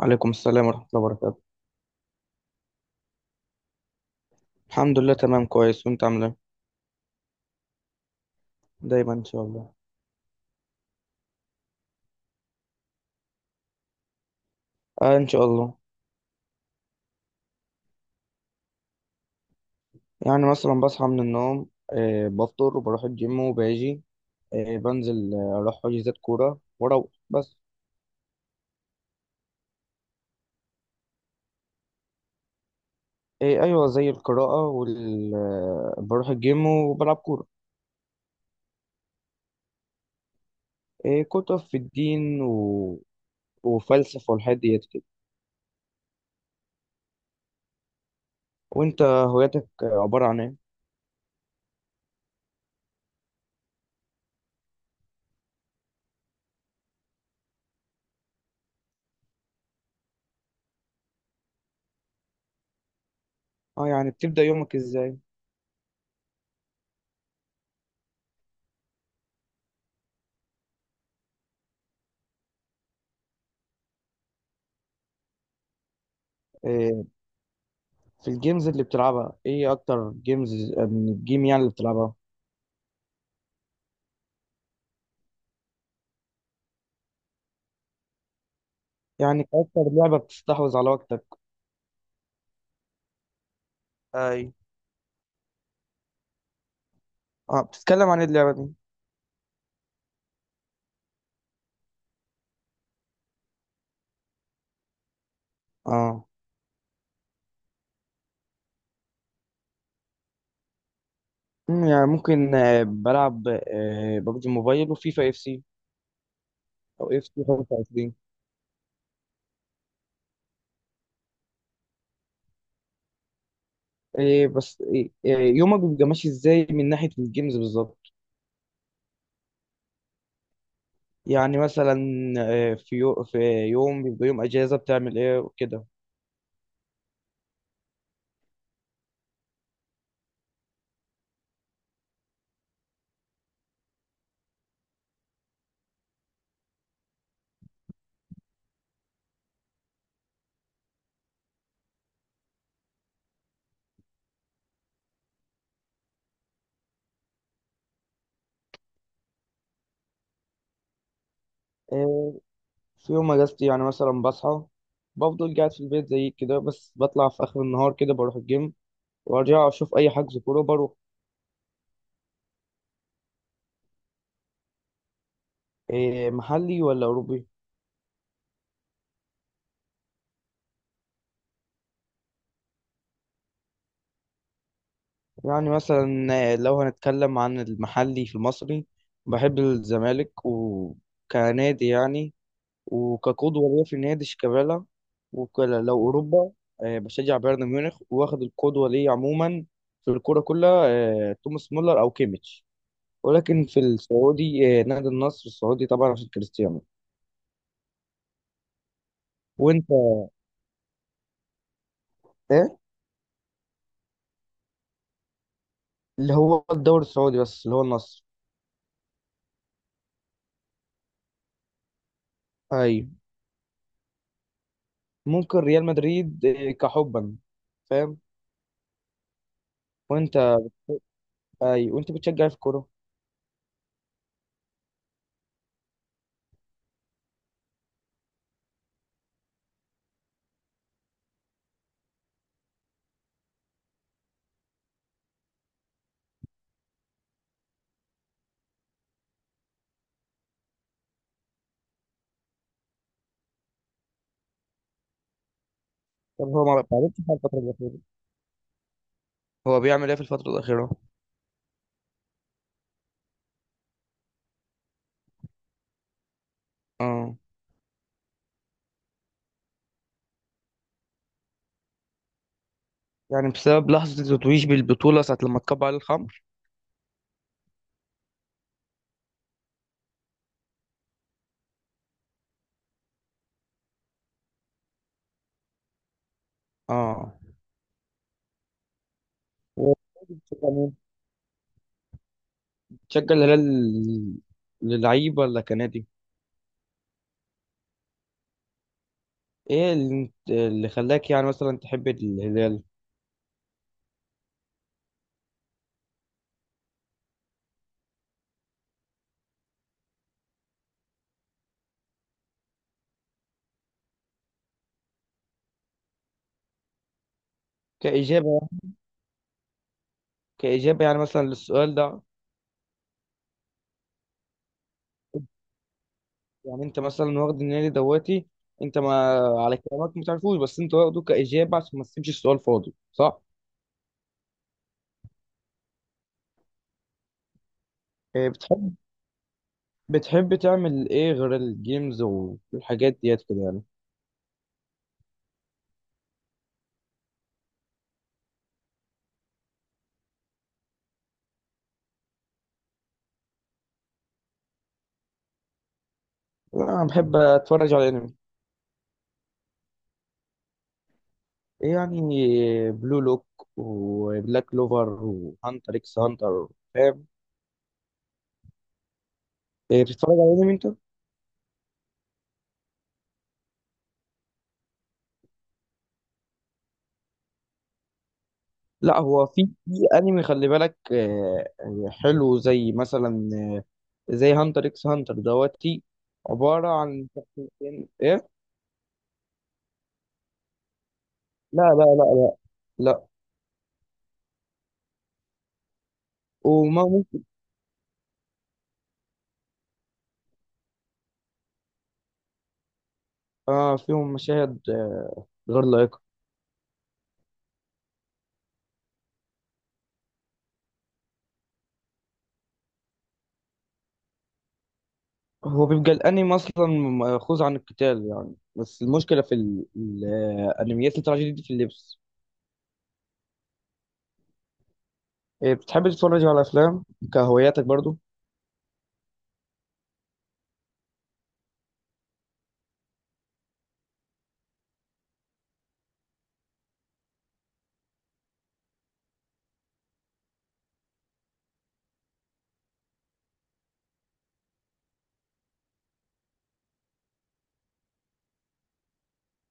عليكم السلام ورحمة الله وبركاته. الحمد لله تمام كويس، وانت عامل ايه؟ دايما ان شاء الله. آه ان شاء الله. يعني مثلا بصحى من النوم، بفطر وبروح الجيم وباجي بنزل، اروح حجوزات كورة واروح بس. آه ايوه، زي القراءة وال آه، بروح الجيم وبلعب كورة. آه كتب في الدين وفلسفة والحاجات ديت كده. وانت هواياتك عبارة عن ايه؟ اه يعني بتبدأ يومك ازاي؟ آه. في الجيمز اللي بتلعبها، ايه اكتر جيمز من الجيم يعني اللي بتلعبها؟ يعني أكتر لعبة بتستحوذ على وقتك. اي. اه بتتكلم عن ايه اللعبة دي؟ اه. يعني ممكن بلعب ببجي موبايل وفيفا اف سي، او اف سي 25. إيه بس إيه إيه، يومك بيبقى ماشي ازاي من ناحية الجيمز بالظبط؟ يعني مثلا في يوم بيبقى يوم اجازة بتعمل ايه وكده. آه، في يوم اجازتي يعني مثلا بصحى، بفضل قاعد في البيت زي كده، بس بطلع في اخر النهار كده بروح الجيم، وارجع اشوف اي حجز كورة بروح. إيه، محلي ولا اوروبي؟ يعني مثلا لو هنتكلم عن المحلي، في المصري بحب الزمالك وكنادي يعني، وكقدوة ليا في نادي شيكابالا. ولو أوروبا، بشجع بايرن ميونخ، واخد القدوة ليا عموما في الكورة كلها، توماس مولر أو كيميتش. ولكن في السعودي نادي النصر السعودي طبعا عشان كريستيانو. وأنت. إيه؟ اللي هو الدوري السعودي بس، اللي هو النصر. أيوة. ممكن ريال مدريد كحبا. فاهم. وأنت. اي وانت بتشجع إيه في الكوره؟ طب هو ما عملش حاجه الفتره الاخيره؟ هو بيعمل ايه في الفترة الأخيرة؟ اه. يعني بسبب لحظة التتويج بالبطولة، ساعة لما اتكب على الخمر؟ اه. و- بتشجع مين؟ تشجع الهلال للعيبة ولا كنادي؟ ايه اللي خلاك يعني مثلا تحب الهلال؟ كإجابة. كإجابة يعني مثلا للسؤال ده. يعني انت مثلا واخد النادي دواتي، انت ما على كلامك ما تعرفوش، بس انت واخده كإجابة عشان ما تسيبش السؤال فاضي، صح؟ إيه بتحب بتحب تعمل ايه غير الجيمز والحاجات ديت كده يعني؟ انا بحب اتفرج على انمي. يعني بلو لوك وبلاك كلوفر وهانتر اكس هانتر. فاهم. إيه، بتتفرج على انمي انت؟ لا هو في انمي خلي بالك، حلو زي مثلا زي هانتر اكس هانتر دوتي، عبارة عن شخصيتين ايه. لا لا لا لا. لا. وما ممكن. اه فيهم مشاهد غير لائقة. هو بيبقى الانمي اصلا مأخوذ عن القتال يعني، بس المشكله في الانميات اللي طالعه جديد دي في اللبس. إيه، بتحب تتفرج على افلام كهواياتك برضو؟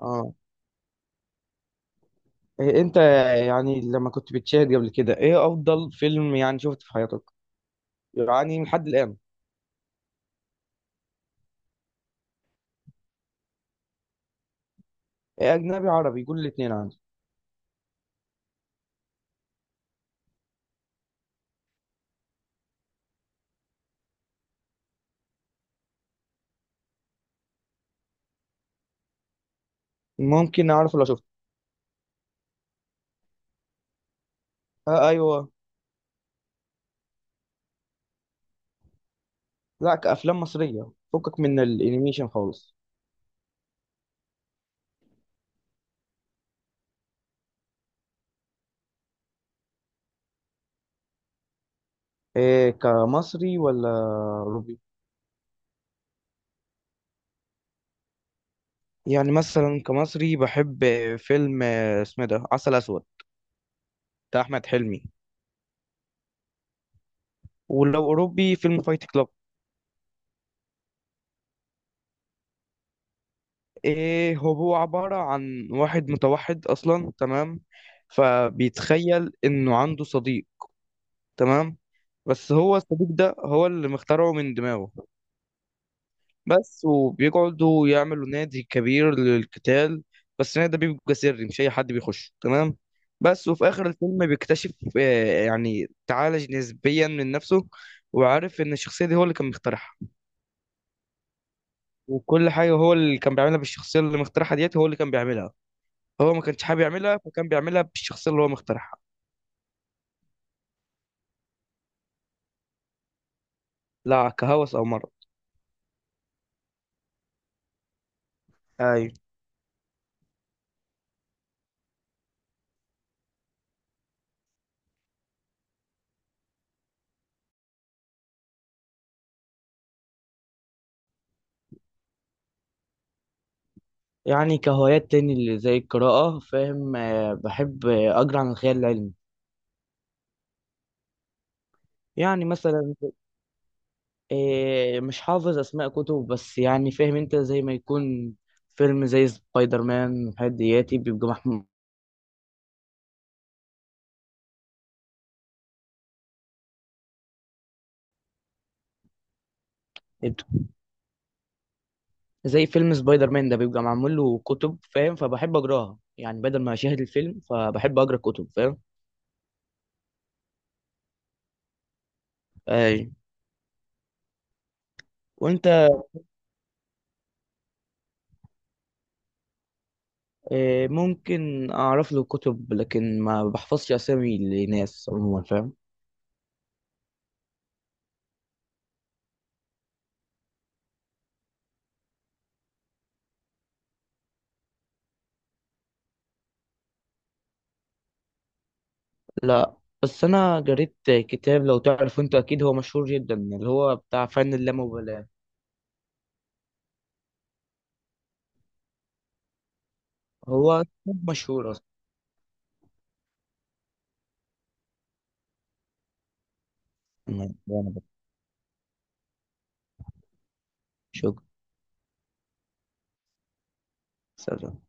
اه. إيه انت، يعني لما كنت بتشاهد قبل كده، ايه افضل فيلم يعني شفته في حياتك يعني لحد الان؟ إيه اجنبي عربي؟ قول الاثنين عندي. ممكن اعرف لو شفته. آه ايوه. لا كافلام مصريه، فكك من الانيميشن خالص. إيه كمصري ولا؟ يعني مثلا كمصري بحب فيلم اسمه ده عسل اسود بتاع احمد حلمي. ولو اوروبي فيلم فايت كلاب. ايه هو عبارة عن واحد متوحد اصلا، تمام؟ فبيتخيل انه عنده صديق، تمام؟ بس هو الصديق ده هو اللي مخترعه من دماغه بس. وبيقعدوا يعملوا نادي كبير للقتال، بس النادي ده بيبقى سري، مش اي حد بيخش، تمام؟ بس. وفي اخر الفيلم بيكتشف، يعني تعالج نسبيا من نفسه، وعارف ان الشخصيه دي هو اللي كان مخترعها. وكل حاجه هو اللي كان بيعملها بالشخصيه اللي مخترعها ديت هو اللي كان بيعملها. هو ما كانش حابب يعملها فكان بيعملها بالشخصيه اللي هو مخترعها. لا كهوس او مرض. ايوه. يعني كهوايات تاني اللي زي القراءة، فاهم، بحب أقرأ عن الخيال العلمي. يعني مثلا. إيه مش حافظ اسماء كتب، بس يعني فاهم انت زي ما يكون فيلم زي سبايدر مان والحاجات دياتي بيبقى محمول. زي فيلم سبايدر مان ده بيبقى معمول له كتب، فاهم، فبحب اقراها يعني بدل ما اشاهد الفيلم، فبحب اقرا كتب، فاهم. اي. وانت. إيه ممكن اعرف له كتب لكن ما بحفظش اسامي لناس عموما، فاهم. لا. بس انا قريت كتاب لو تعرف انت، اكيد هو مشهور جدا، اللي هو بتاع فن اللامبالاة. هو مشهور. وأنا بشكر. سلام.